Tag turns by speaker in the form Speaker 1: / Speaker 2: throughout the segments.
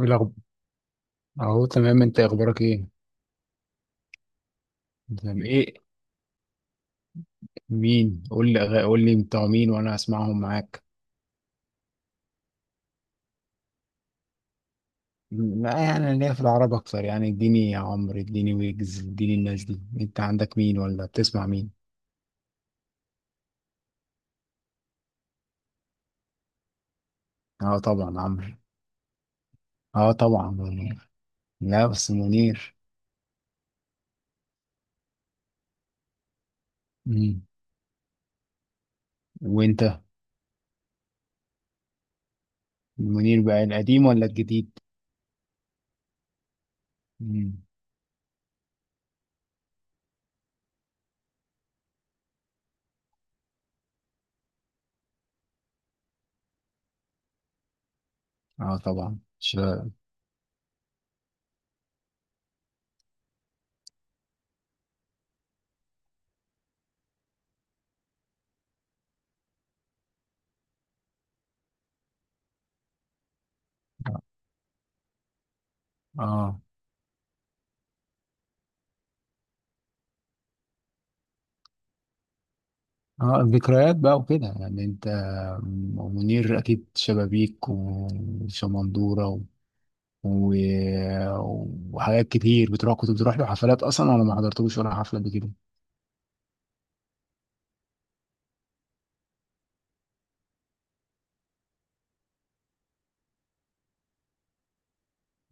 Speaker 1: إيه الأخب- اهو تمام، انت اخبارك ايه؟ تمام، ايه؟ مين؟ قول لي بتوع مين وانا اسمعهم معاك. يعني انا ليا في العرب اكتر، يعني اديني يا عمرو، اديني ويجز، اديني الناس دي. انت عندك مين ولا بتسمع مين؟ اه طبعا عمرو. اه طبعا منير. لا، بس منير. مم. وانت؟ منير بقى القديم ولا الجديد؟ مم. اه طبعا. اه، اه الذكريات بقى وكده، يعني انت. منير اكيد، شبابيك وشمندورة و... وحاجات كتير بتروح. كنت بتروح له حفلات اصلا، ولا ما حضرتلوش ولا حفلة قبل كده؟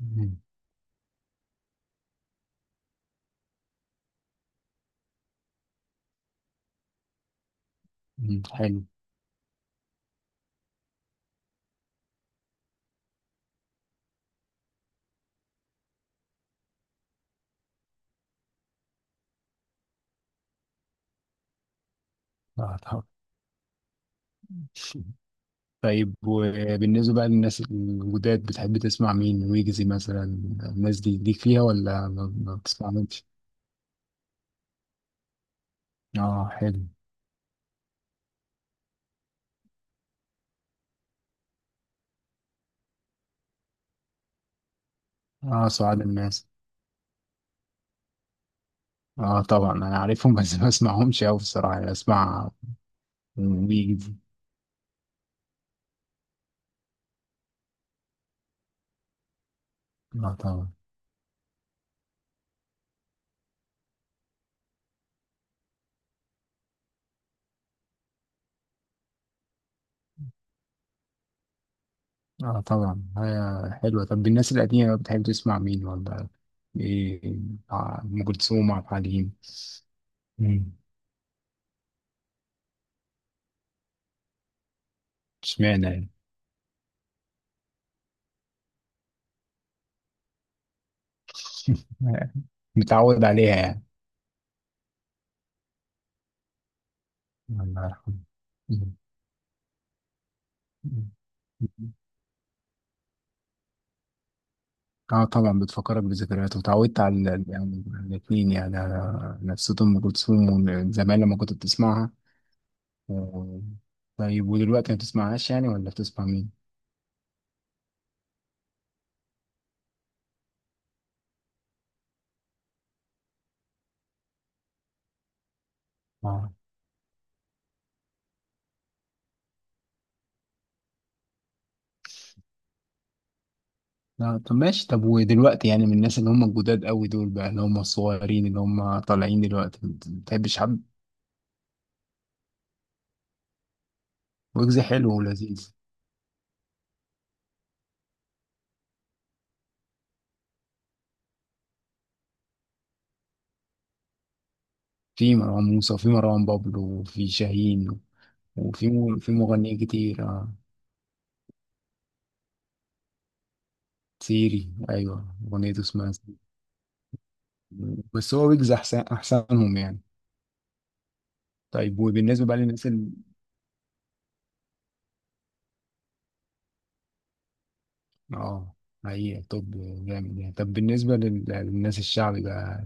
Speaker 1: مم. مم. حلو. آه، طب. طيب، وبالنسبة بقى للناس الجداد، بتحب تسمع مين؟ ويجزي مثلا، الناس دي ليك فيها، ولا ما بتسمعهمش؟ اه حلو. اه سعاد الناس. اه طبعا انا عارفهم بس ما اسمعهمش قوي بصراحة، يعني اسمع ويجز. اه طبعا. اه طبعا، هي حلوة. طب الناس القديمة بتحب تسمع مين ولا ايه؟ ام كلثوم، عبد الحليم؟ مم. اشمعنى يعني؟ متعود عليها يعني. الله يرحمه. مم. مم. اه طبعا، بتفكرك بذكريات، وتعودت على يعني الاثنين، يعني على نفسية ام كلثوم، وإن زمان لما كنت بتسمعها. و- طيب، ودلوقتي ما بتسمعهاش يعني، ولا بتسمع مين؟ آه، طب ماشي. طب ودلوقتي، يعني من الناس اللي هم الجداد قوي دول بقى، اللي هم الصغيرين اللي هم طالعين دلوقتي، ما بتحبش حد؟ ويجز حلو ولذيذ. في مروان موسى، وفي مروان بابلو، وفي شاهين، في مغنيين كتير، آه. سيري، ايوه اغنيته اسمها سيري. بس هو ويجز احسنهم يعني. طيب، وبالنسبه بقى للناس اه. هي طب، جامد يعني. طب بالنسبه للناس الشعبي بقى،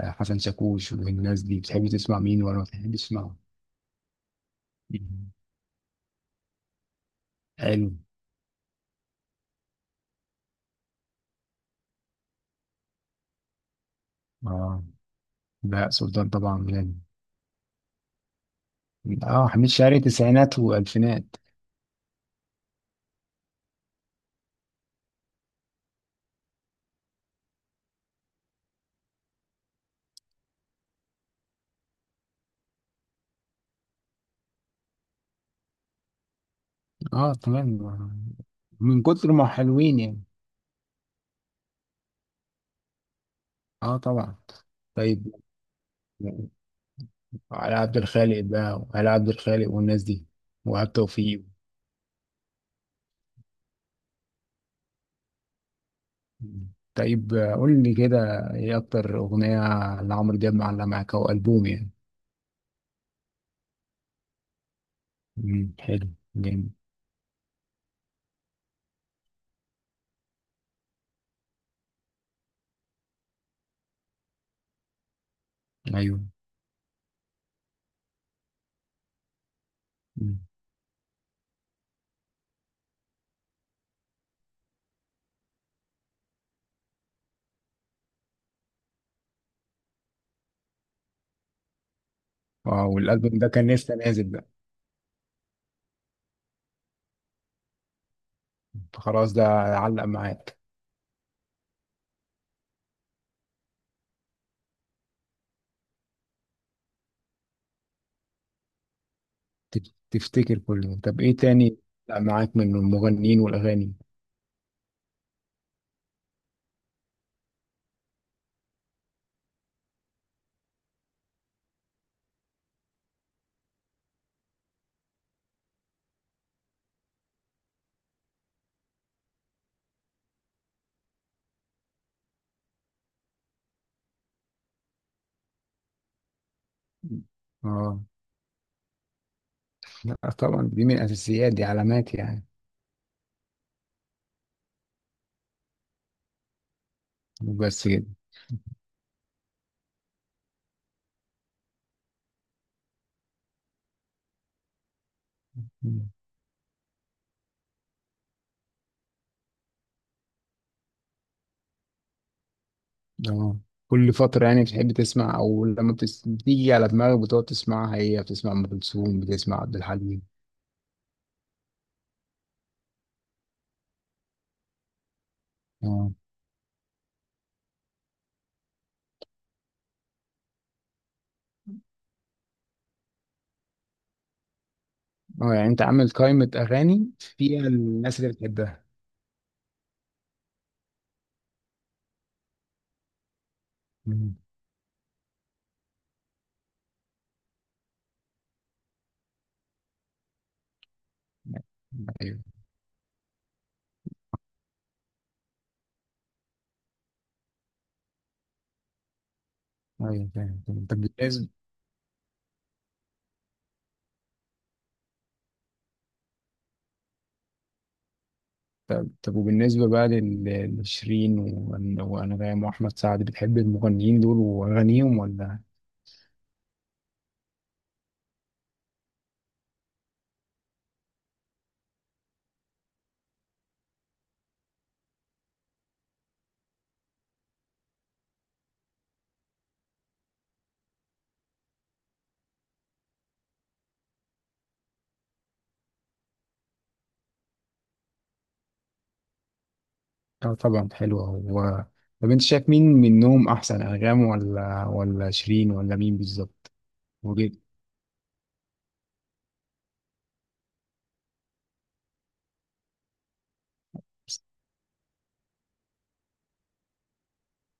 Speaker 1: آه، حسن شاكوش والناس دي، بتحب تسمع مين ولا ما بتحبش تسمعه؟ مم. حلو. اه بهاء سلطان طبعا يعني. اه حميد شاعري، تسعينات والفينات. اه تمام. من كتر ما حلوين يعني. اه طبعا. طيب، على عبد الخالق بقى، وعلى عبد الخالق والناس دي، وهاب توفيق. طيب، آه، قول لي كده، ايه اكتر اغنية لعمرو دياب معلقة معاك، او البوم يعني؟ مم، حلو. جامد. ايوه. مم. اه، والالبوم ده كان لسه نازل بقى؟ فخلاص ده علق معاك. تفتكر كله؟ طب ايه تاني؟ لا معاك من المغنيين والاغاني؟ اه. لا طبعا، دي من الاساسيات، دي علامات يعني. بس كده. مم. اه، كل فترة يعني بتحب تسمع؟ او لما بتيجي على دماغك بتقعد تسمعها، هي بتسمع ام كلثوم، بتسمع عبد الحليم؟ اه. اه، يعني انت عامل قائمة اغاني فيها الناس اللي بتحبها؟ مم. ايوه. ايوه فاهم فاهم. طب وبالنسبة بقى لشيرين وأنغام وأحمد سعد، بتحب المغنيين دول وأغانيهم ولا؟ آه طبعا، حلوة هو. طب، أنت شايف مين منهم أحسن؟ أنغام ولا شيرين، ولا مين بالظبط؟ وجد.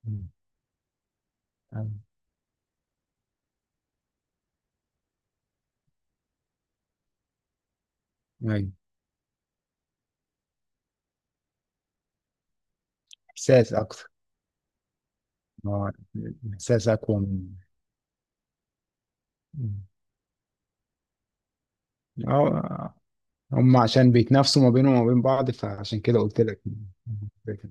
Speaker 1: مم. آه. أيوة. إحساس أكتر. آه، إحساس أقوى من. مم. آه، هم عشان بيتنافسوا ما بينهم وما بين بعض، فعشان كده قلت لك. مم.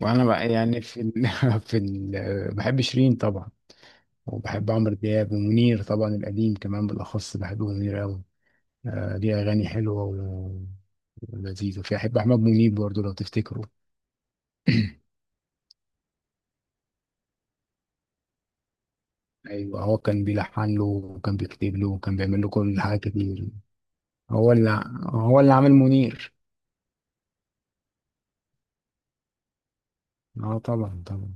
Speaker 1: وانا بقى يعني في في بحب شيرين طبعا، وبحب عمرو دياب ومنير، طبعا القديم كمان، بالأخص بحب منير أوي. آه، ليه أغاني حلوة ولذيذة. وفي أحب أحمد منيب برضه لو تفتكروا. أيوة، هو كان بيلحن له، وكان بيكتب له، وكان بيعمل له كل حاجة كتير. هو اللي عامل منير. اه طبعا طبعا.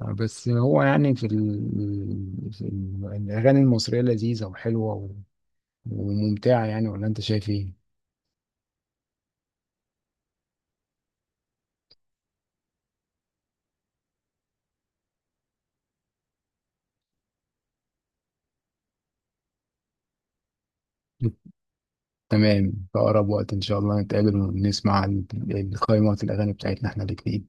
Speaker 1: آه، بس هو يعني الأغاني المصرية لذيذة وحلوة وممتعة يعني، ولا أنت شايف إيه؟ تمام، في أقرب وقت إن شاء الله نتقابل ونسمع القائمة الأغاني بتاعتنا إحنا الاتنين.